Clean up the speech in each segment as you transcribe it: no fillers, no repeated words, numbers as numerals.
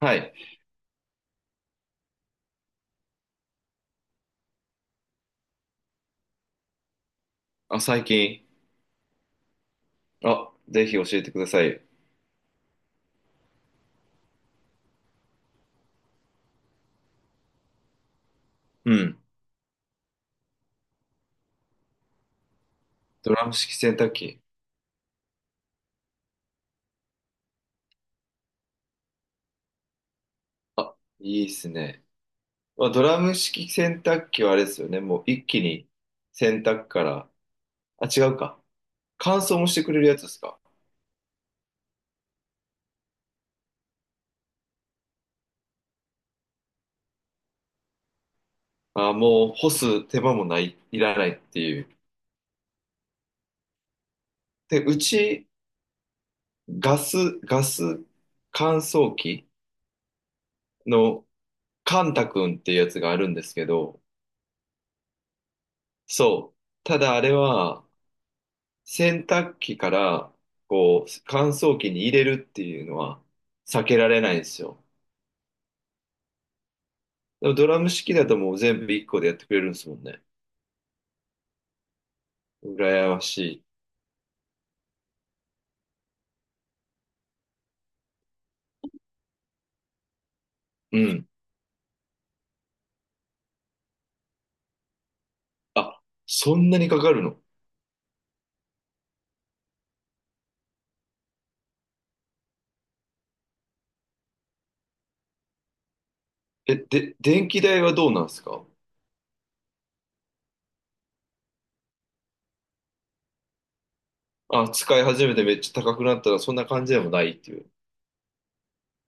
はい。あ、最近。あ、ぜひ教えてください。うん。ドラム式洗濯機。あ、いいですね。まあ、ドラム式洗濯機はあれですよね。もう一気に洗濯から。あ、違うか。乾燥もしてくれるやつですか？あ、もう干す手間もない、いらないっていう。で、うち、ガス、ガス乾燥機のカンタ君っていうやつがあるんですけど、そう。ただあれは、洗濯機から、こう、乾燥機に入れるっていうのは避けられないんですよ。でもドラム式だともう全部1個でやってくれるんですもんね。羨ましい。うん。あ、そんなにかかるの？え、で、電気代はどうなんですか？あ、使い始めてめっちゃ高くなったらそんな感じでもないっていう。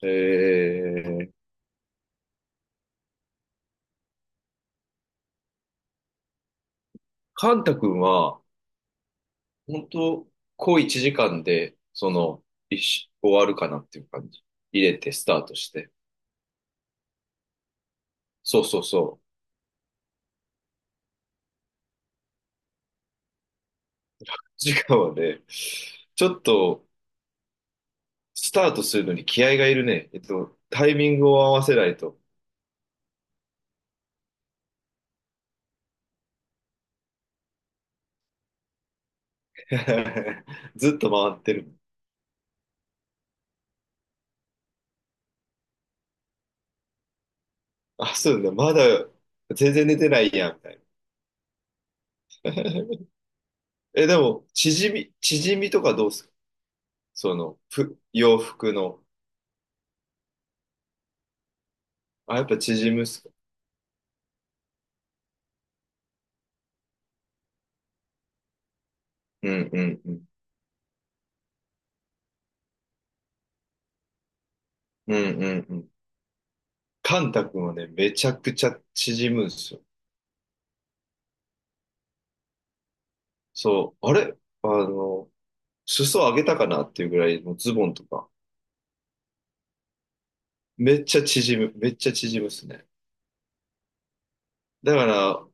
えー、カンタ君は、本当こう1時間で、その、一緒終わるかなっていう感じ。入れて、スタートして。そうそうそう。時間はね、ちょっとスタートするのに気合がいるね。タイミングを合わせないと。ずっと回ってる。あ、そうだ、まだ全然寝てないやん、みたいな。え、でも、縮みとかどうすか？その、ふ、洋服の。あ、やっぱ縮むっすか？うんうんうん。うんうんうん。カンタ君はね、めちゃくちゃ縮むんですよ。そう、あれあの、裾上げたかなっていうぐらい、もうズボンとか、めっちゃ縮む、めっちゃ縮むっすね。だから、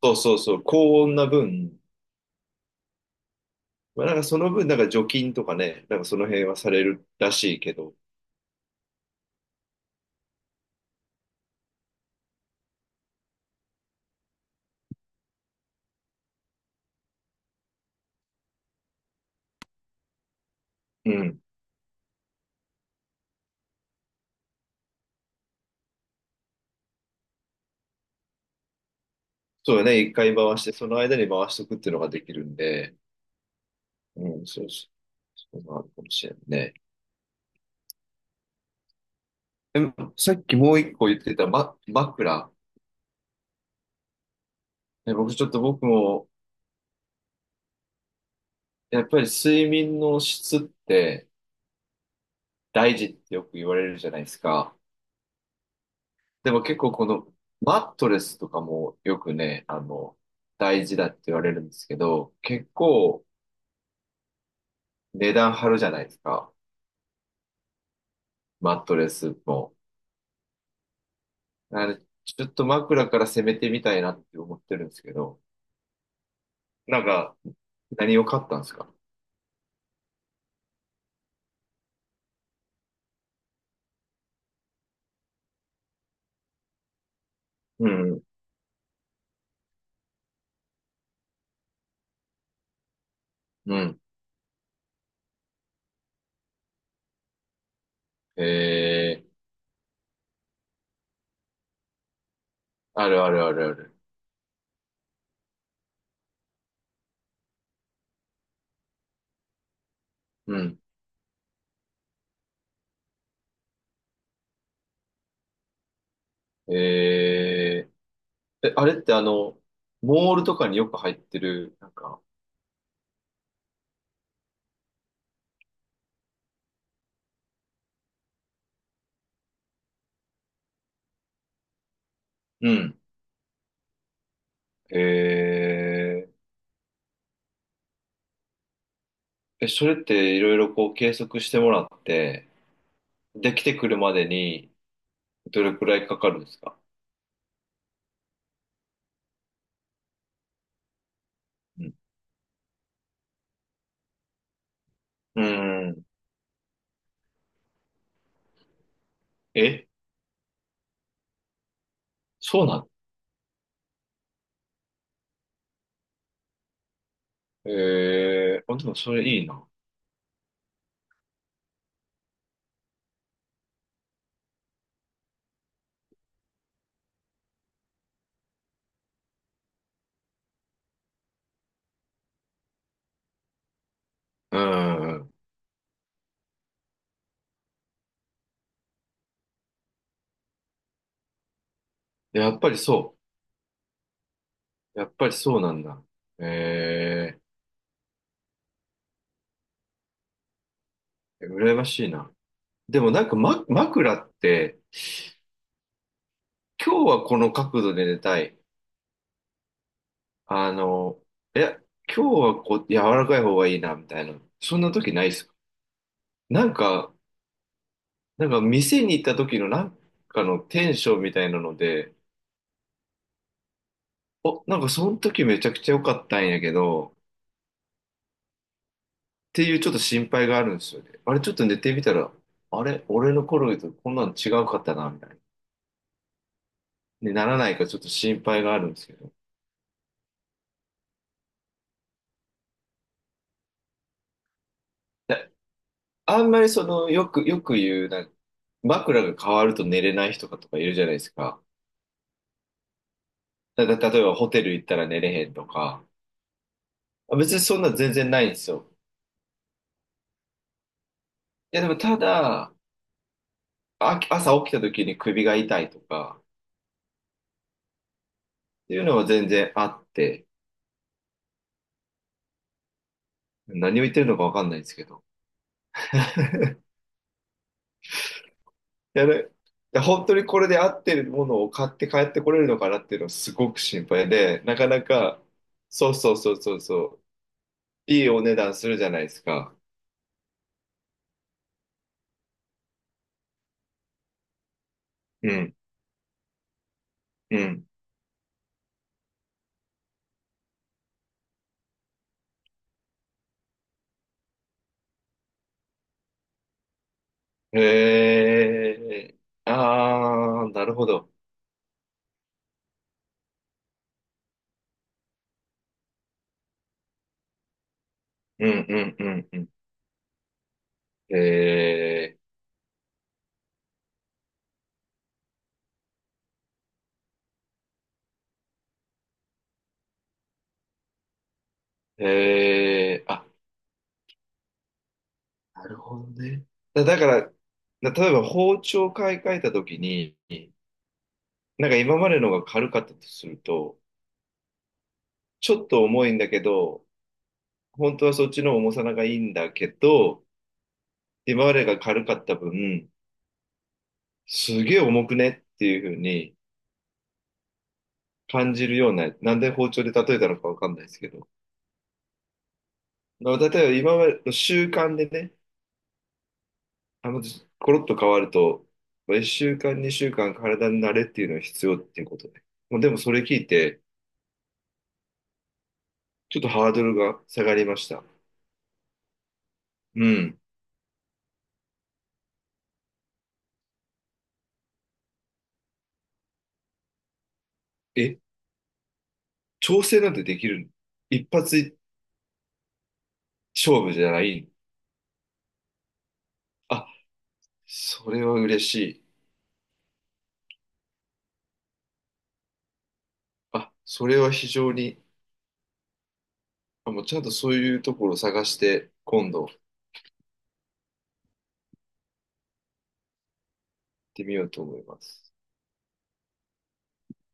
そうそうそう、高温な分、まあ、なんかその分、なんか除菌とかね、なんかその辺はされるらしいけど、うん。そうだね、一回回して、その間に回しとくっていうのができるんで、うん、そうそう、そうなるかもしれないね。でも、さっきもう一個言ってた、ま、枕。ね僕ちょっと僕も、やっぱり睡眠の質って大事ってよく言われるじゃないですか。でも結構このマットレスとかもよくね、あの、大事だって言われるんですけど、結構値段張るじゃないですか。マットレスも。あれ、ちょっと枕から攻めてみたいなって思ってるんですけど、なんか、何を買ったんですか？うん、うん。えー、あるあるあるある。うん。えー、え、あれってあの、モールとかによく入ってる、なんか、うん。ええ、それっていろいろこう計測してもらって、できてくるまでにどれくらいかかるんですか？うん。うん。え、そうなの？えー、あ、でもそれいいな。うん。やっぱりそう。やっぱりそうなんだ。えー、羨ましいな。でもなんか、ま、枕って、今日はこの角度で寝たい。あの、いや、今日はこう、柔らかい方がいいな、みたいな。そんな時ないっすか？なんか、なんか店に行った時のなんかのテンションみたいなので、お、なんかその時めちゃくちゃ良かったんやけど、っていうちょっと心配があるんですよね。あれちょっと寝てみたら、あれ俺の頃とこんなの違うかったな、みたいな。にならないかちょっと心配があるんですけど。であんまりその、よく言う、なんか枕が変わると寝れない人とかいるじゃないですか。例えばホテル行ったら寝れへんとか。あ別にそんな全然ないんですよ。いやでもただ、あ朝起きた時に首が痛いとか、っていうのは全然あって、何を言ってるのかわかんないですけど。いやねで本当にこれで合ってるものを買って帰ってこれるのかなっていうのはすごく心配で、なかなか、そうそうそうそうそう、いいお値段するじゃないですか。うん、うん。へえ、あー、なるほど。うんうんうんうん。へえ、へえ、あ、なるほどね。だから、例えば包丁買い替えた時に、なんか今までのが軽かったとすると、ちょっと重いんだけど、本当はそっちの重さのがいいんだけど、今までが軽かった分、すげえ重くねっていう風に感じるような、なんで包丁で例えたのかわかんないですけど、まあ例えば今までの習慣でね、あの、コロッと変わると、1週間、2週間体に慣れっていうのが必要っていうことで。もうでもそれ聞いて、ちょっとハードルが下がりました。うん。え、調整なんてできるの？一発勝負じゃない。あ、それは嬉しい。あ、それは非常に、あ、もうちゃんとそういうところを探して、今度行ってみようと思います。